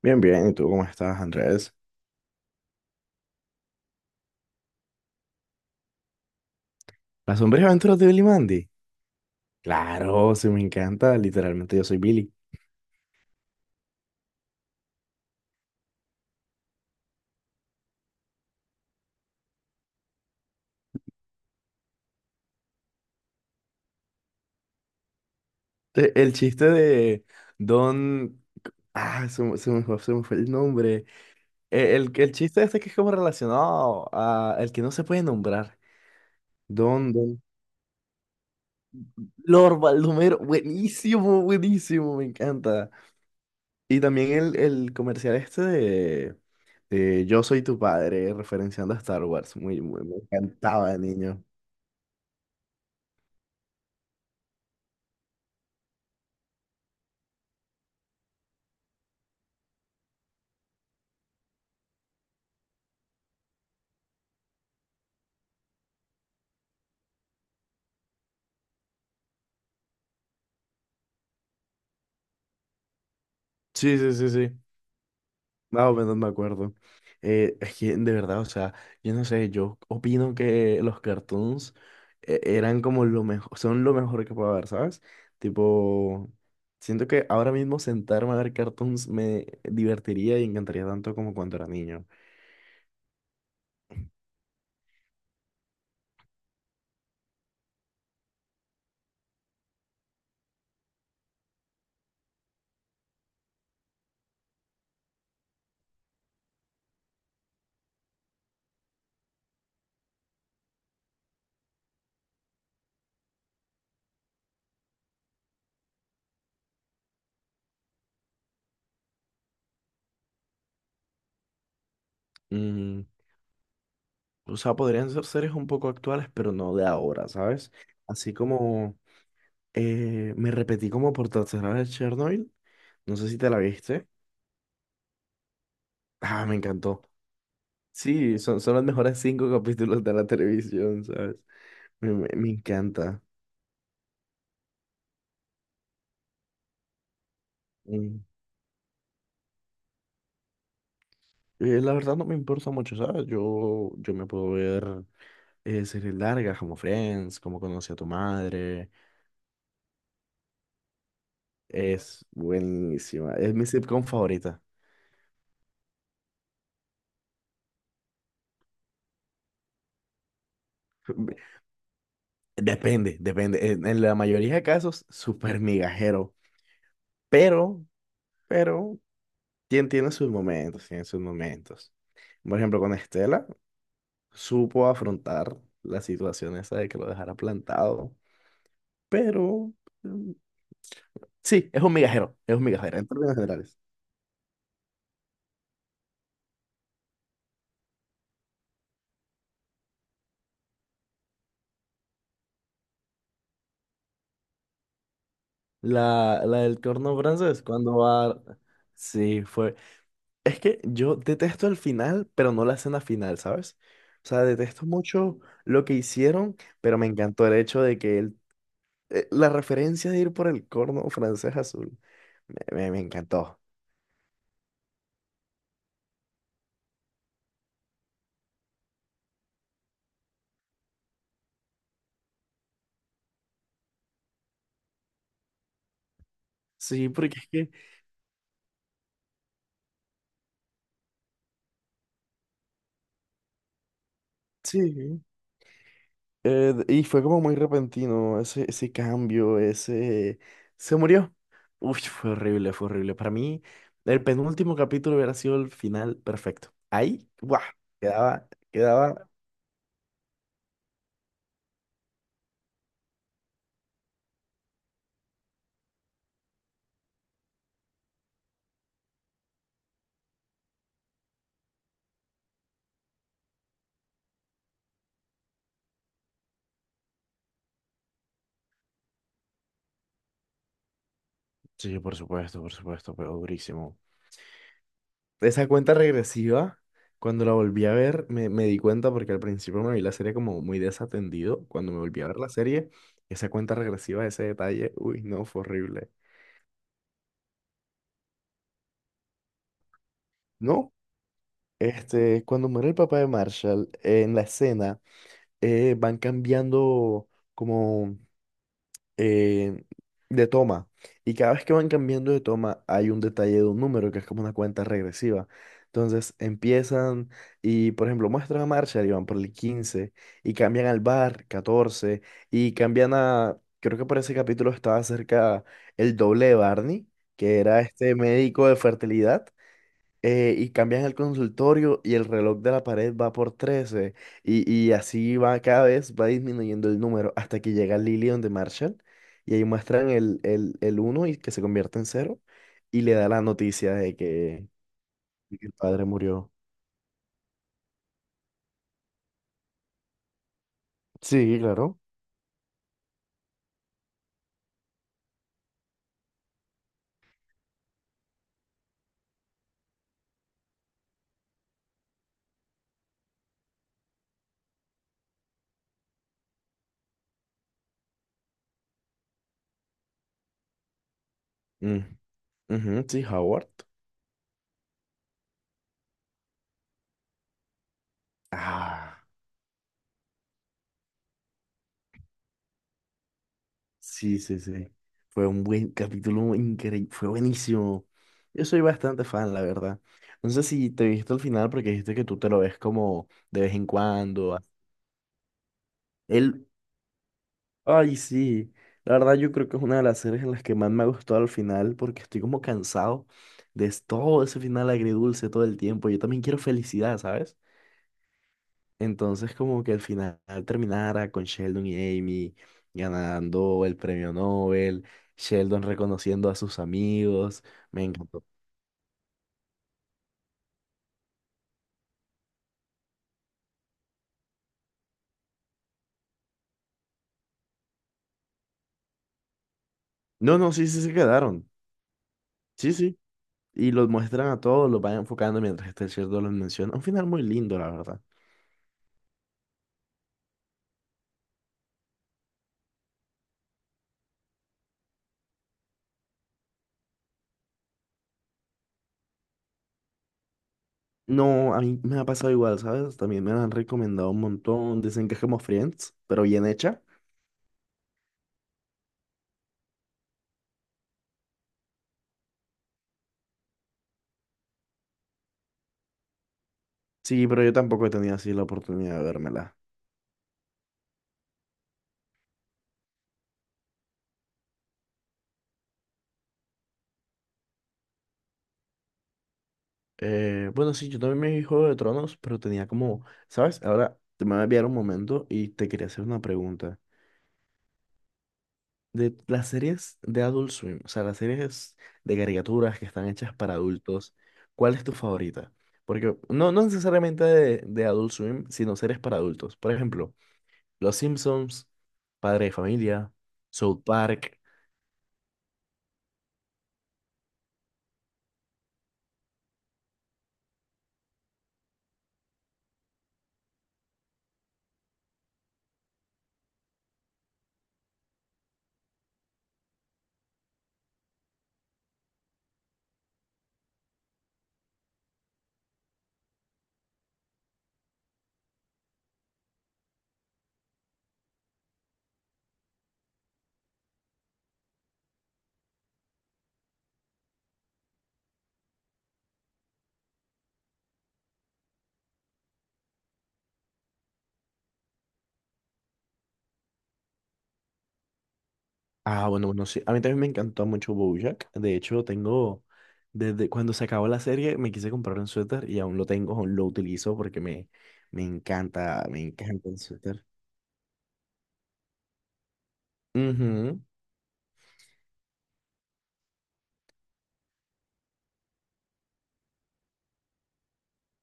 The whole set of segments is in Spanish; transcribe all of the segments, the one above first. Bien, bien, ¿y tú cómo estás, Andrés? ¿Las sombrías aventuras de Billy Mandy? Claro, sí, me encanta, literalmente yo soy Billy. El chiste de Don... Ah, se me fue el nombre. El chiste este que es como relacionado a el que no se puede nombrar. Don... Lord Baldomero, buenísimo, buenísimo, me encanta. Y también el comercial este de Yo soy tu padre, referenciando a Star Wars. Muy, muy, me encantaba de niño. Sí, sí, sí, sí. Más o menos me acuerdo. Es que de verdad, o sea, yo no sé, yo opino que los cartoons eran como lo mejor, son lo mejor que puedo ver, ¿sabes? Tipo, siento que ahora mismo sentarme a ver cartoons me divertiría y encantaría tanto como cuando era niño. Mm, o sea, podrían ser series un poco actuales, pero no de ahora, ¿sabes? Así como me repetí como por tercera vez Chernobyl, no sé si te la viste. Ah, me encantó. Sí, son los mejores cinco capítulos de la televisión, ¿sabes? Me encanta. Mm. La verdad no me importa mucho, ¿sabes? Yo me puedo ver series largas como Friends, como Conocí a tu madre. Es buenísima. Es mi sitcom favorita. Be- Depende, depende. En la mayoría de casos, súper migajero. Pero, pero tiene sus momentos, tiene sus momentos. Por ejemplo, con Estela. Supo afrontar la situación esa de que lo dejara plantado, pero mm, sí, es un migajero en términos generales. La del corno francés, cuando va... Sí, fue... Es que yo detesto el final, pero no la escena final, ¿sabes? O sea, detesto mucho lo que hicieron, pero me encantó el hecho de que él... La referencia de ir por el corno francés azul, me encantó. Sí, porque es que... Sí. Y fue como muy repentino ese cambio, ese... Se murió. Uy, fue horrible, fue horrible. Para mí, el penúltimo capítulo hubiera sido el final perfecto. Ahí, ¡guau! Quedaba, quedaba... Sí, por supuesto, pero durísimo. Esa cuenta regresiva, cuando la volví a ver, me di cuenta porque al principio me vi la serie como muy desatendido. Cuando me volví a ver la serie, esa cuenta regresiva, ese detalle, uy, no, fue horrible. No, cuando muere el papá de Marshall, en la escena van cambiando como eh, de toma. Y cada vez que van cambiando de toma hay un detalle de un número que es como una cuenta regresiva. Entonces empiezan y, por ejemplo, muestran a Marshall y van por el 15 y cambian al bar 14 y cambian a, creo que por ese capítulo estaba cerca el doble de Barney, que era este médico de fertilidad y cambian el consultorio y el reloj de la pared va por 13 y así va cada vez, va disminuyendo el número hasta que llega Lillian de Marshall y ahí muestran el 1 y que se convierte en 0 y le da la noticia de que, el padre murió. Sí, claro. Mm, ujú, sí, Howard. Ah. Sí, sí, sí. Fue un buen capítulo increíble. Fue buenísimo. Yo soy bastante fan, la verdad. No sé si te viste al final porque dijiste que tú te lo ves como de vez en cuando. Él, Ay, sí. La verdad, yo creo que es una de las series en las que más me ha gustado al final porque estoy como cansado de todo ese final agridulce todo el tiempo. Yo también quiero felicidad, ¿sabes? Entonces, como que al final terminara con Sheldon y Amy ganando el premio Nobel, Sheldon reconociendo a sus amigos, me encantó. No, no, sí, sí se quedaron. Sí, sí. Y los muestran a todos, los van enfocando mientras este Sheldon los menciona. Un final muy lindo, la verdad. No, a mí me ha pasado igual, ¿sabes? También me lo han recomendado un montón. Dicen que es como Friends, pero bien hecha. Sí, pero yo tampoco he tenido así la oportunidad de vérmela. Bueno, sí, yo también me vi Juego de Tronos, pero tenía como, ¿sabes? Ahora te me voy a enviar un momento y te quería hacer una pregunta. De las series de Adult Swim, o sea, las series de caricaturas que están hechas para adultos, ¿cuál es tu favorita? Porque no necesariamente de Adult Swim, sino series para adultos. Por ejemplo, Los Simpsons, Padre de Familia, South Park. Ah, bueno, bueno, sí. A mí también me encantó mucho BoJack. De hecho, tengo, desde cuando se acabó la serie, me quise comprar un suéter y aún lo tengo, aún lo utilizo porque me encanta, me encanta el suéter. Ujú.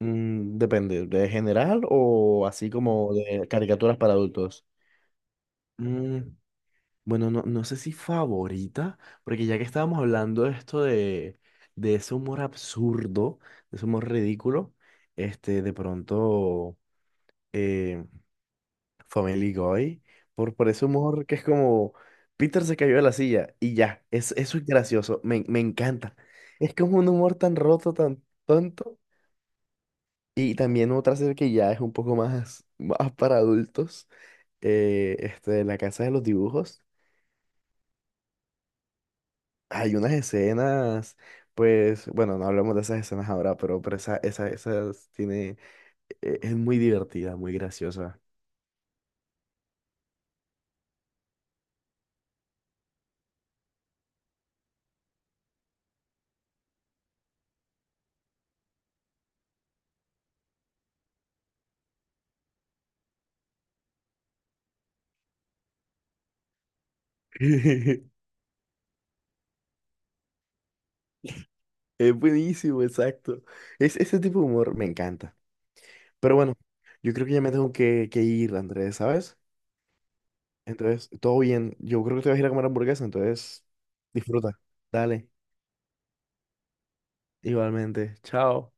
Depende, ¿de general o así como de caricaturas para adultos? Mm, bueno, no sé si favorita, porque ya que estábamos hablando de esto de ese humor absurdo, de ese humor ridículo, de pronto... eh, Family Guy, por ese humor que es como Peter se cayó de la silla y ya, eso es gracioso, me encanta. Es como un humor tan roto, tan tonto. Y también otra serie que ya es un poco más, más para adultos, La Casa de los Dibujos. Hay unas escenas, pues, bueno, no hablamos de esas escenas ahora, pero esa, esa, esas tiene, es muy divertida, muy graciosa. Es buenísimo, exacto. Ese tipo de humor me encanta. Pero bueno, yo creo que ya me tengo que ir, Andrés, ¿sabes? Entonces, todo bien. Yo creo que te vas a ir a comer hamburguesa, entonces disfruta. Dale, igualmente. Chao.